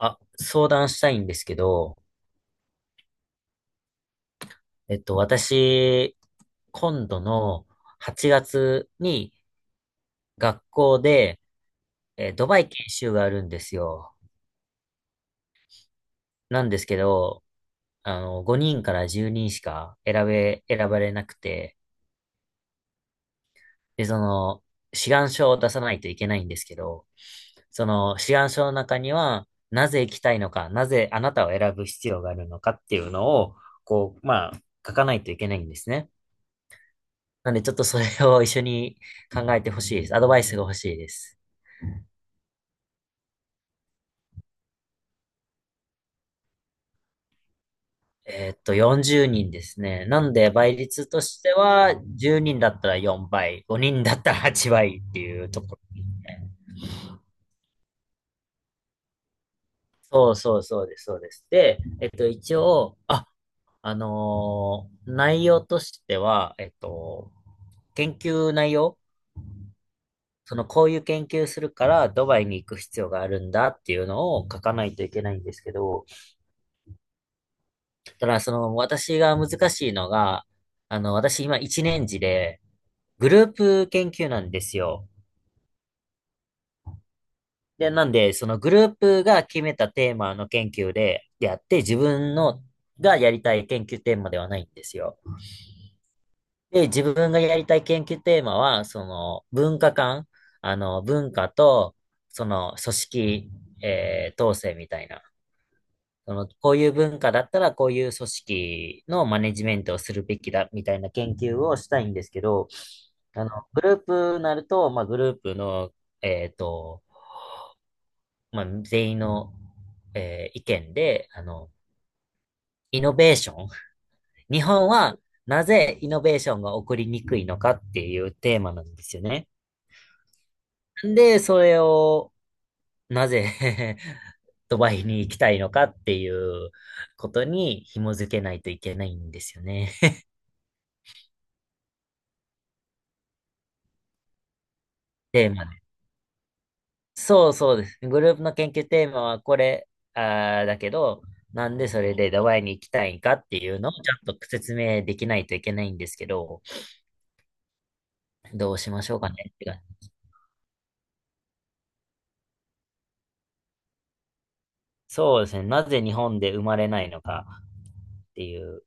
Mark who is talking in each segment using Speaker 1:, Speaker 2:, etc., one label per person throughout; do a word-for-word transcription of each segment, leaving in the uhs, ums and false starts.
Speaker 1: あ、相談したいんですけど、えっと、私、今度のはちがつに学校で、えードバイ研修があるんですよ。なんですけど、あの、ごにんからじゅうにんしか選べ、選ばれなくて、で、その、志願書を出さないといけないんですけど、その志願書の中には、なぜ行きたいのか、なぜあなたを選ぶ必要があるのかっていうのを、こう、まあ、書かないといけないんですね。なんで、ちょっとそれを一緒に考えてほしいです。アドバイスが欲しいです。えーっと、よんじゅうにんですね。なんで、倍率としては、じゅうにんだったらよんばい、ごにんだったらはちばいっていうところですね。そうそうそうです、そうです。で、えっと、一応、あ、あのー内容としては、えっと、研究内容、その、こういう研究するから、ドバイに行く必要があるんだっていうのを書かないといけないんですけど、ただから、その、私が難しいのが、あの、私今一年次で、グループ研究なんですよ。で、なんで、そのグループが決めたテーマの研究で、やって、自分の、がやりたい研究テーマではないんですよ。で、自分がやりたい研究テーマは、その、文化間、あの、文化と、その、組織、えー統制みたいな。その、こういう文化だったら、こういう組織のマネジメントをするべきだ、みたいな研究をしたいんですけど、あの、グループになると、まあ、グループの、えっと、まあ、全員の、えー意見で、あの、イノベーション。日本はなぜイノベーションが起こりにくいのかっていうテーマなんですよね。で、それを、なぜ ドバイに行きたいのかっていうことに紐づけないといけないんですよね。テーマね。そうそうです。グループの研究テーマはこれ、あーだけど、なんでそれでドバイに行きたいんかっていうのをちゃんと説明できないといけないんですけど、どうしましょうかねって感じ。そうですね。なぜ日本で生まれないのかっていう、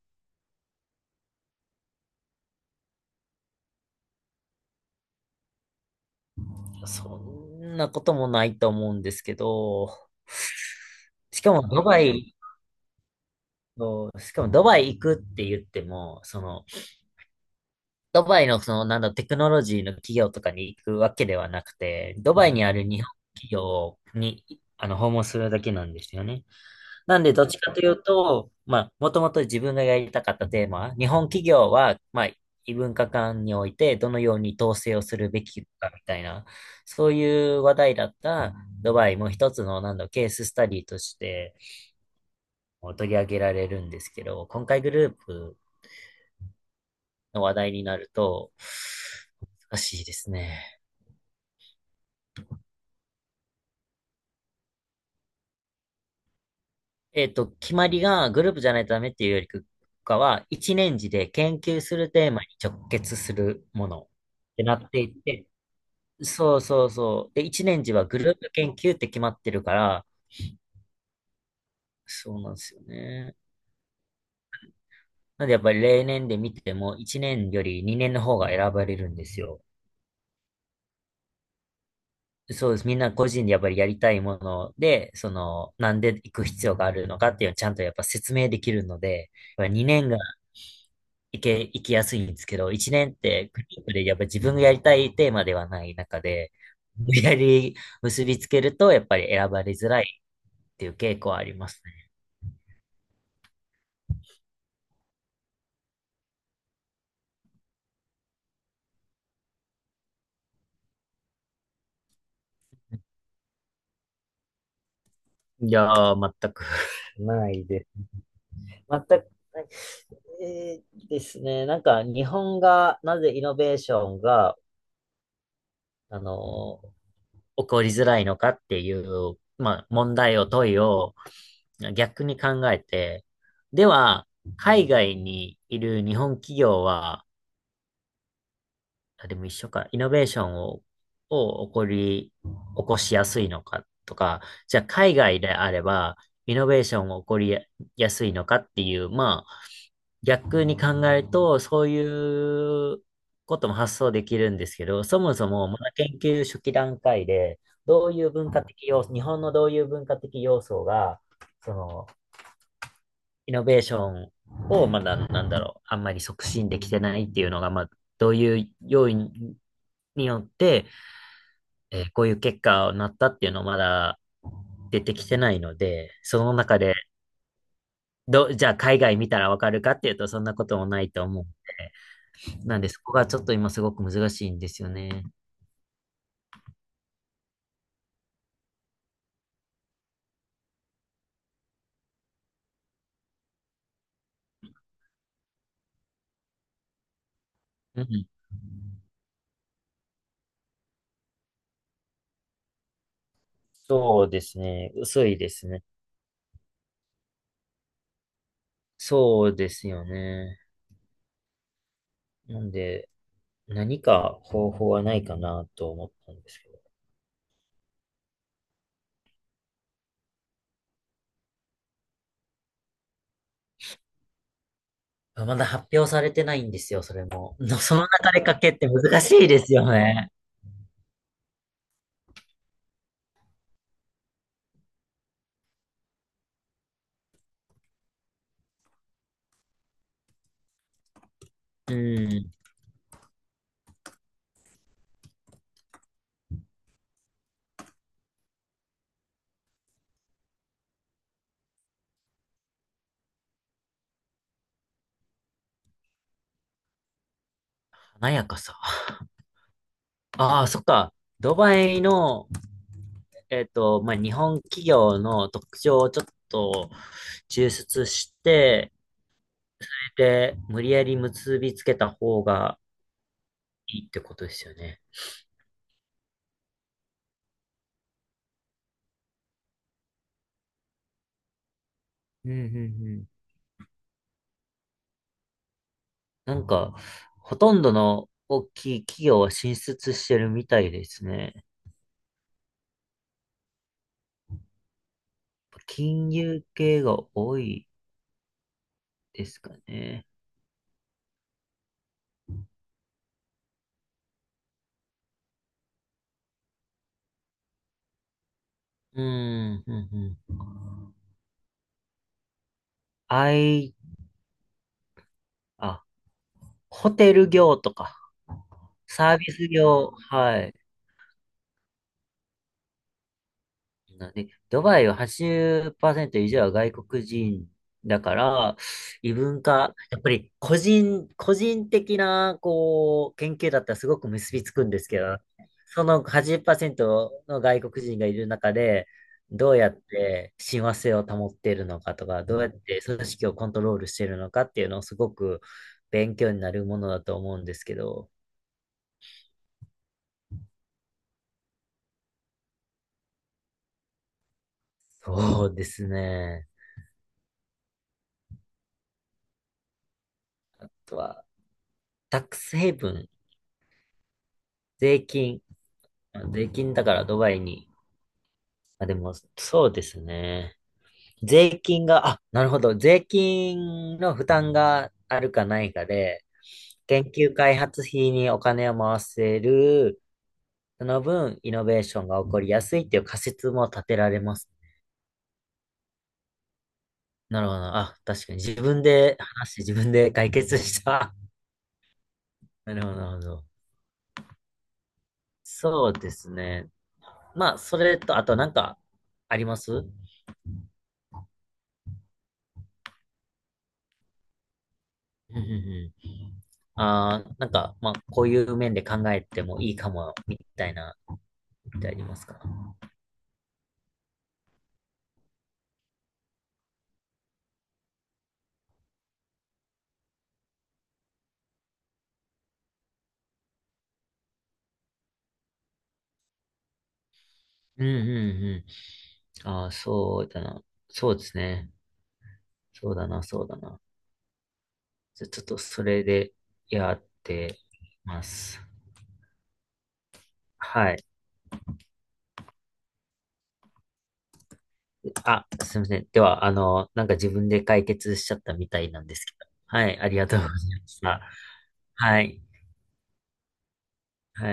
Speaker 1: そんなこともないと思うんですけど、しかもドバイ、しかもドバイ行くって言っても、その、ドバイのその、なんだテクノロジーの企業とかに行くわけではなくて、ドバイにある日本企業に、あの、訪問するだけなんですよね。なんで、どっちかというと、まあ、もともと自分がやりたかったテーマ、日本企業は、まあ、異文化間においてどのように統制をするべきかみたいな、そういう話題だったドバイも一つの、なんだケーススタディとして取り上げられるんですけど、今回グループの話題になると、難しいですね。えっと、決まりがグループじゃないとダメっていうよりかは、一年次で研究するテーマに直結するものってなっていて、そうそうそう。で、一年次はグループ研究って決まってるから、そうなんですよね。なんでやっぱり例年で見ても、一年よりにねんの方が選ばれるんですよ。そうです。みんな個人でやっぱりやりたいもので、その、なんで行く必要があるのかっていうのをちゃんとやっぱ説明できるので、やっぱにねんが行け、行きやすいんですけど、一年ってグループでやっぱ自分がやりたいテーマではない中で、無理やり結びつけると、やっぱり選ばれづらいっていう傾向はありますね。いやー、全く ないです。全くない。えーですね。なんか、日本が、なぜイノベーションが、あのー、起こりづらいのかっていう、まあ、問題を、問いを逆に考えて、では、海外にいる日本企業は、あ、でも一緒か。イノベーションを、を起こり、起こしやすいのかとか、じゃあ海外であれば、イノベーションを起こりややすいのかっていう、まあ、逆に考えると、そういうことも発想できるんですけど、そもそも、まだ研究初期段階で、どういう文化的要素、日本のどういう文化的要素が、その、イノベーションをまだ、なんだろう、あんまり促進できてないっていうのが、まあ、どういう要因によって、えーこういう結果になったっていうのまだ出てきてないので、その中で、ど、じゃあ海外見たらわかるかっていうと、そんなこともないと思うので、なんでそこがちょっと今すごく難しいんですよね。うん。そうですね。薄いですね。そうですよね。なんで、何か方法はないかなと思ったんですけど。まあまだ発表されてないんですよ、それも。のその中で書けって難しいですよね。うん。華やかさ。ああ、そっか。ドバイの、えっと、まあ、日本企業の特徴をちょっと抽出して、で、無理やり結びつけた方がいいってことですよね。うんうんうん。なんか、ほとんどの大きい企業は進出してるみたいですね。金融系が多いですかね。うん、うん、うん。あい、あ、ホテル業とか、サービス業、はい。なんで、ドバイははちじゅっパーセント以上は外国人だから、異文化、やっぱり個人、個人的な、こう、研究だったらすごく結びつくんですけど、そのはちじゅっパーセントの外国人がいる中で、どうやって親和性を保っているのかとか、どうやって組織をコントロールしているのかっていうのをすごく勉強になるものだと思うんですけど、そうですね。あとは、タックスヘイブン、税金。あ税金だからドバイに。あ、でも、そうですね。税金が、あ、なるほど。税金の負担があるかないかで、研究開発費にお金を回せる、その分、イノベーションが起こりやすいっていう仮説も立てられます。なるほど。あ、確かに自分で話して自分で解決した。なるほど、なるほど。そうですね。まあ、それと、あとなんか、あります。うんうんうん。 ああ、なんか、まあ、こういう面で考えてもいいかも、みたいな、ってありますか？うんうんうん。ああ、そうだな。そうですね。そうだな、そうだな。じゃ、ちょっとそれでやってます。はい。あ、すいません。では、あの、なんか自分で解決しちゃったみたいなんですけど。はい、ありがとうございました。はい。はい。